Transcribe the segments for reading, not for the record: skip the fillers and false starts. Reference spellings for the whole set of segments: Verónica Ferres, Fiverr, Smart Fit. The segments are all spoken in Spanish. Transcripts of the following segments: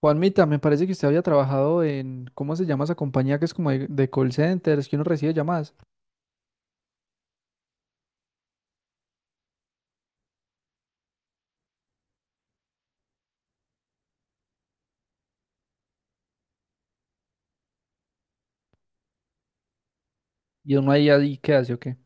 Juanmita, me parece que usted había trabajado en, ¿cómo se llama esa compañía que es como de call centers, que uno recibe llamadas y uno ahí, ahí ¿qué hace o qué?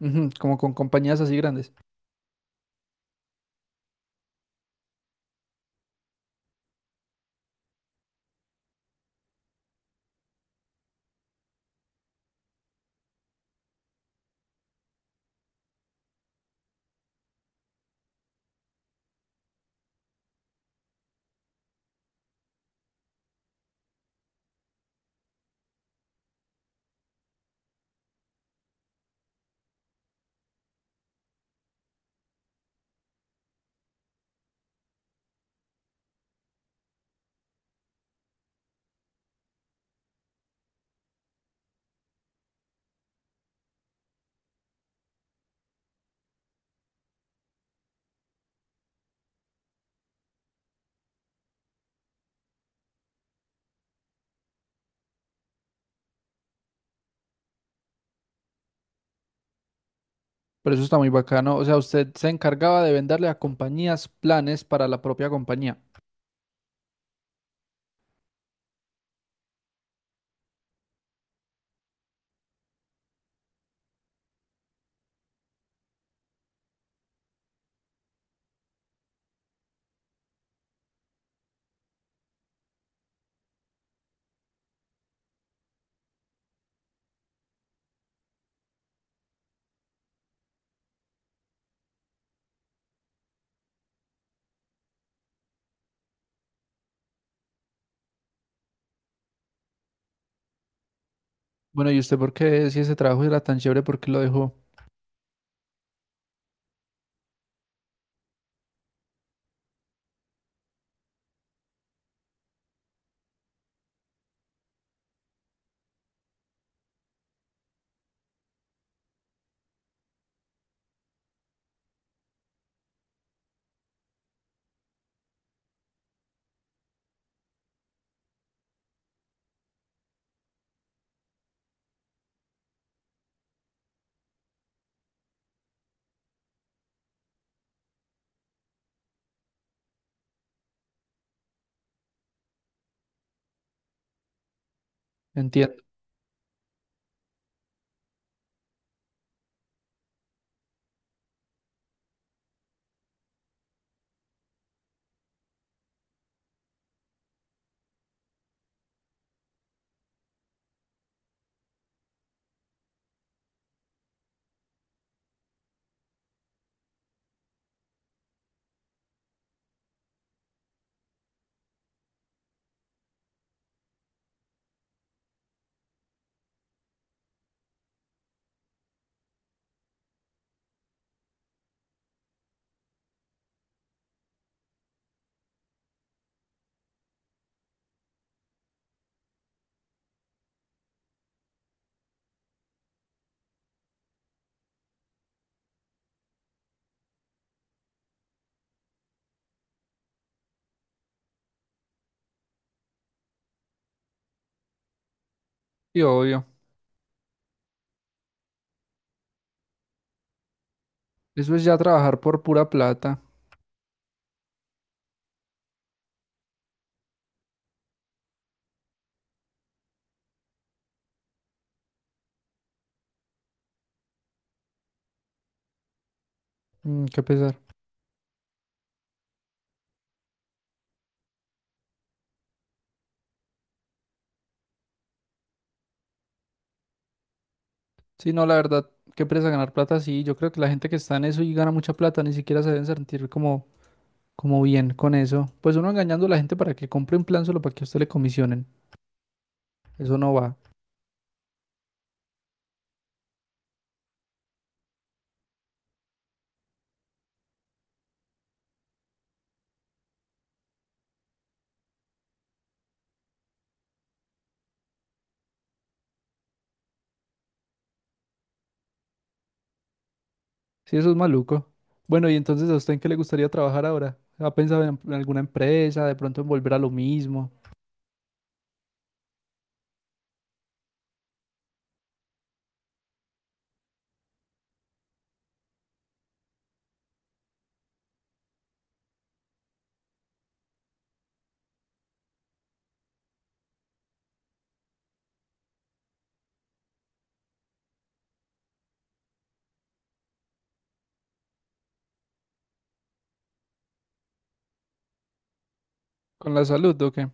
Ujú, como con compañías así grandes. Pero eso está muy bacano. O sea, usted se encargaba de venderle a compañías planes para la propia compañía. Bueno, ¿y usted por qué, si ese trabajo era tan chévere, por qué lo dejó? Entiendo. Y obvio. Eso es ya trabajar por pura plata. Mm, qué pesar. Sí, no, la verdad, qué presa ganar plata, sí. Yo creo que la gente que está en eso y gana mucha plata ni siquiera se deben sentir como, como bien con eso, pues uno engañando a la gente para que compre un plan solo para que a usted le comisionen. Eso no va. Sí, eso es maluco. Bueno, ¿y entonces a usted en qué le gustaría trabajar ahora? ¿Ha pensado en alguna empresa, de pronto en volver a lo mismo? ¿Con la salud o qué?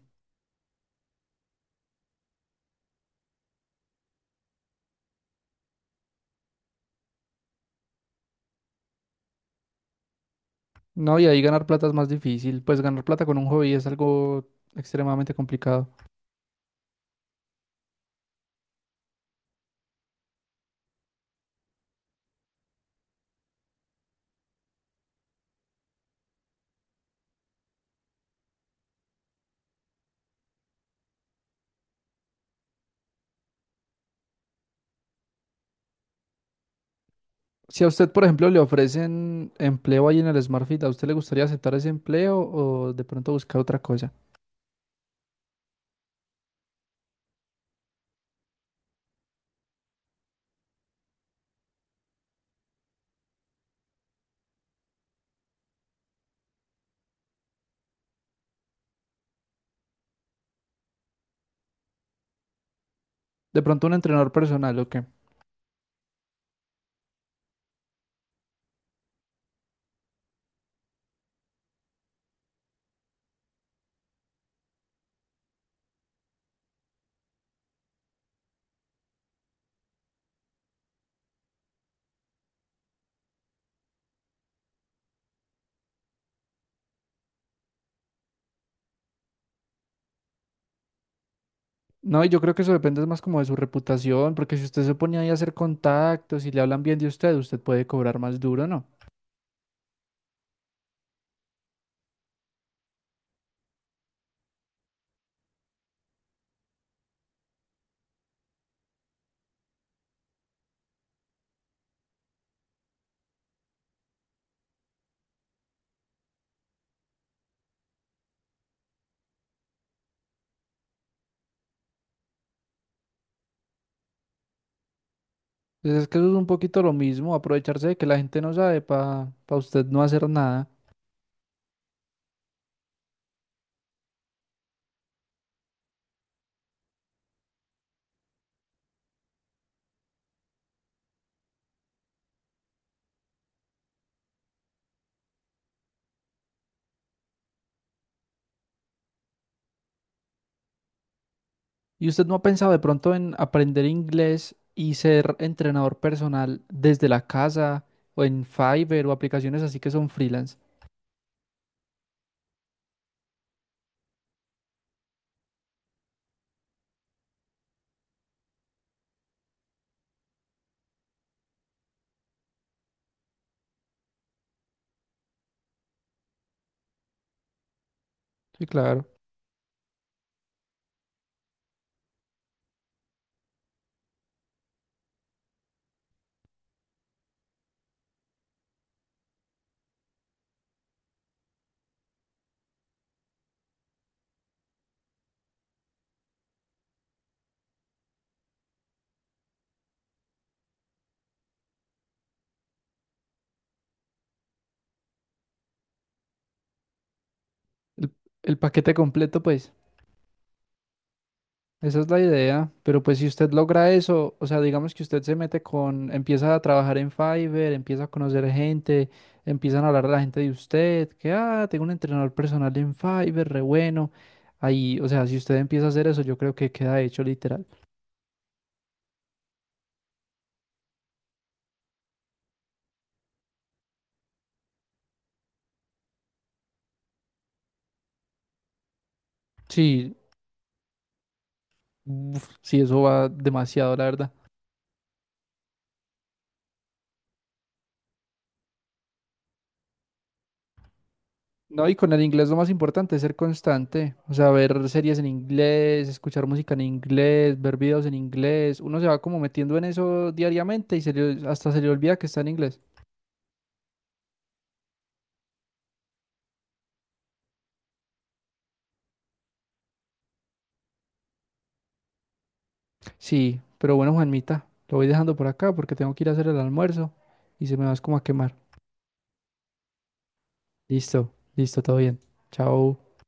No, y ahí ganar plata es más difícil. Pues ganar plata con un hobby es algo extremadamente complicado. Si a usted, por ejemplo, le ofrecen empleo ahí en el Smart Fit, ¿a usted le gustaría aceptar ese empleo o de pronto buscar otra cosa? ¿De pronto un entrenador personal o qué? No, y yo creo que eso depende más como de su reputación, porque si usted se pone ahí a hacer contactos y le hablan bien de usted, usted puede cobrar más duro, ¿no? Entonces es que eso es un poquito lo mismo, aprovecharse de que la gente no sabe para usted no hacer nada. ¿Y usted no ha pensado de pronto en aprender inglés y ser entrenador personal desde la casa o en Fiverr o aplicaciones así que son freelance? Sí, claro. El, el paquete completo, pues. Esa es la idea, pero pues si usted logra eso, o sea, digamos que usted se mete con, empieza a trabajar en Fiverr, empieza a conocer gente, empiezan a hablar a la gente de usted, que, ah, tengo un entrenador personal en Fiverr, re bueno. Ahí, o sea, si usted empieza a hacer eso, yo creo que queda hecho literal. Sí, uf, sí, eso va demasiado, la verdad. No, y con el inglés lo más importante es ser constante, o sea, ver series en inglés, escuchar música en inglés, ver videos en inglés, uno se va como metiendo en eso diariamente y se le- hasta se le olvida que está en inglés. Sí, pero bueno, Juanmita, lo voy dejando por acá porque tengo que ir a hacer el almuerzo y se me va es como a quemar. Listo, listo, todo bien. Chao.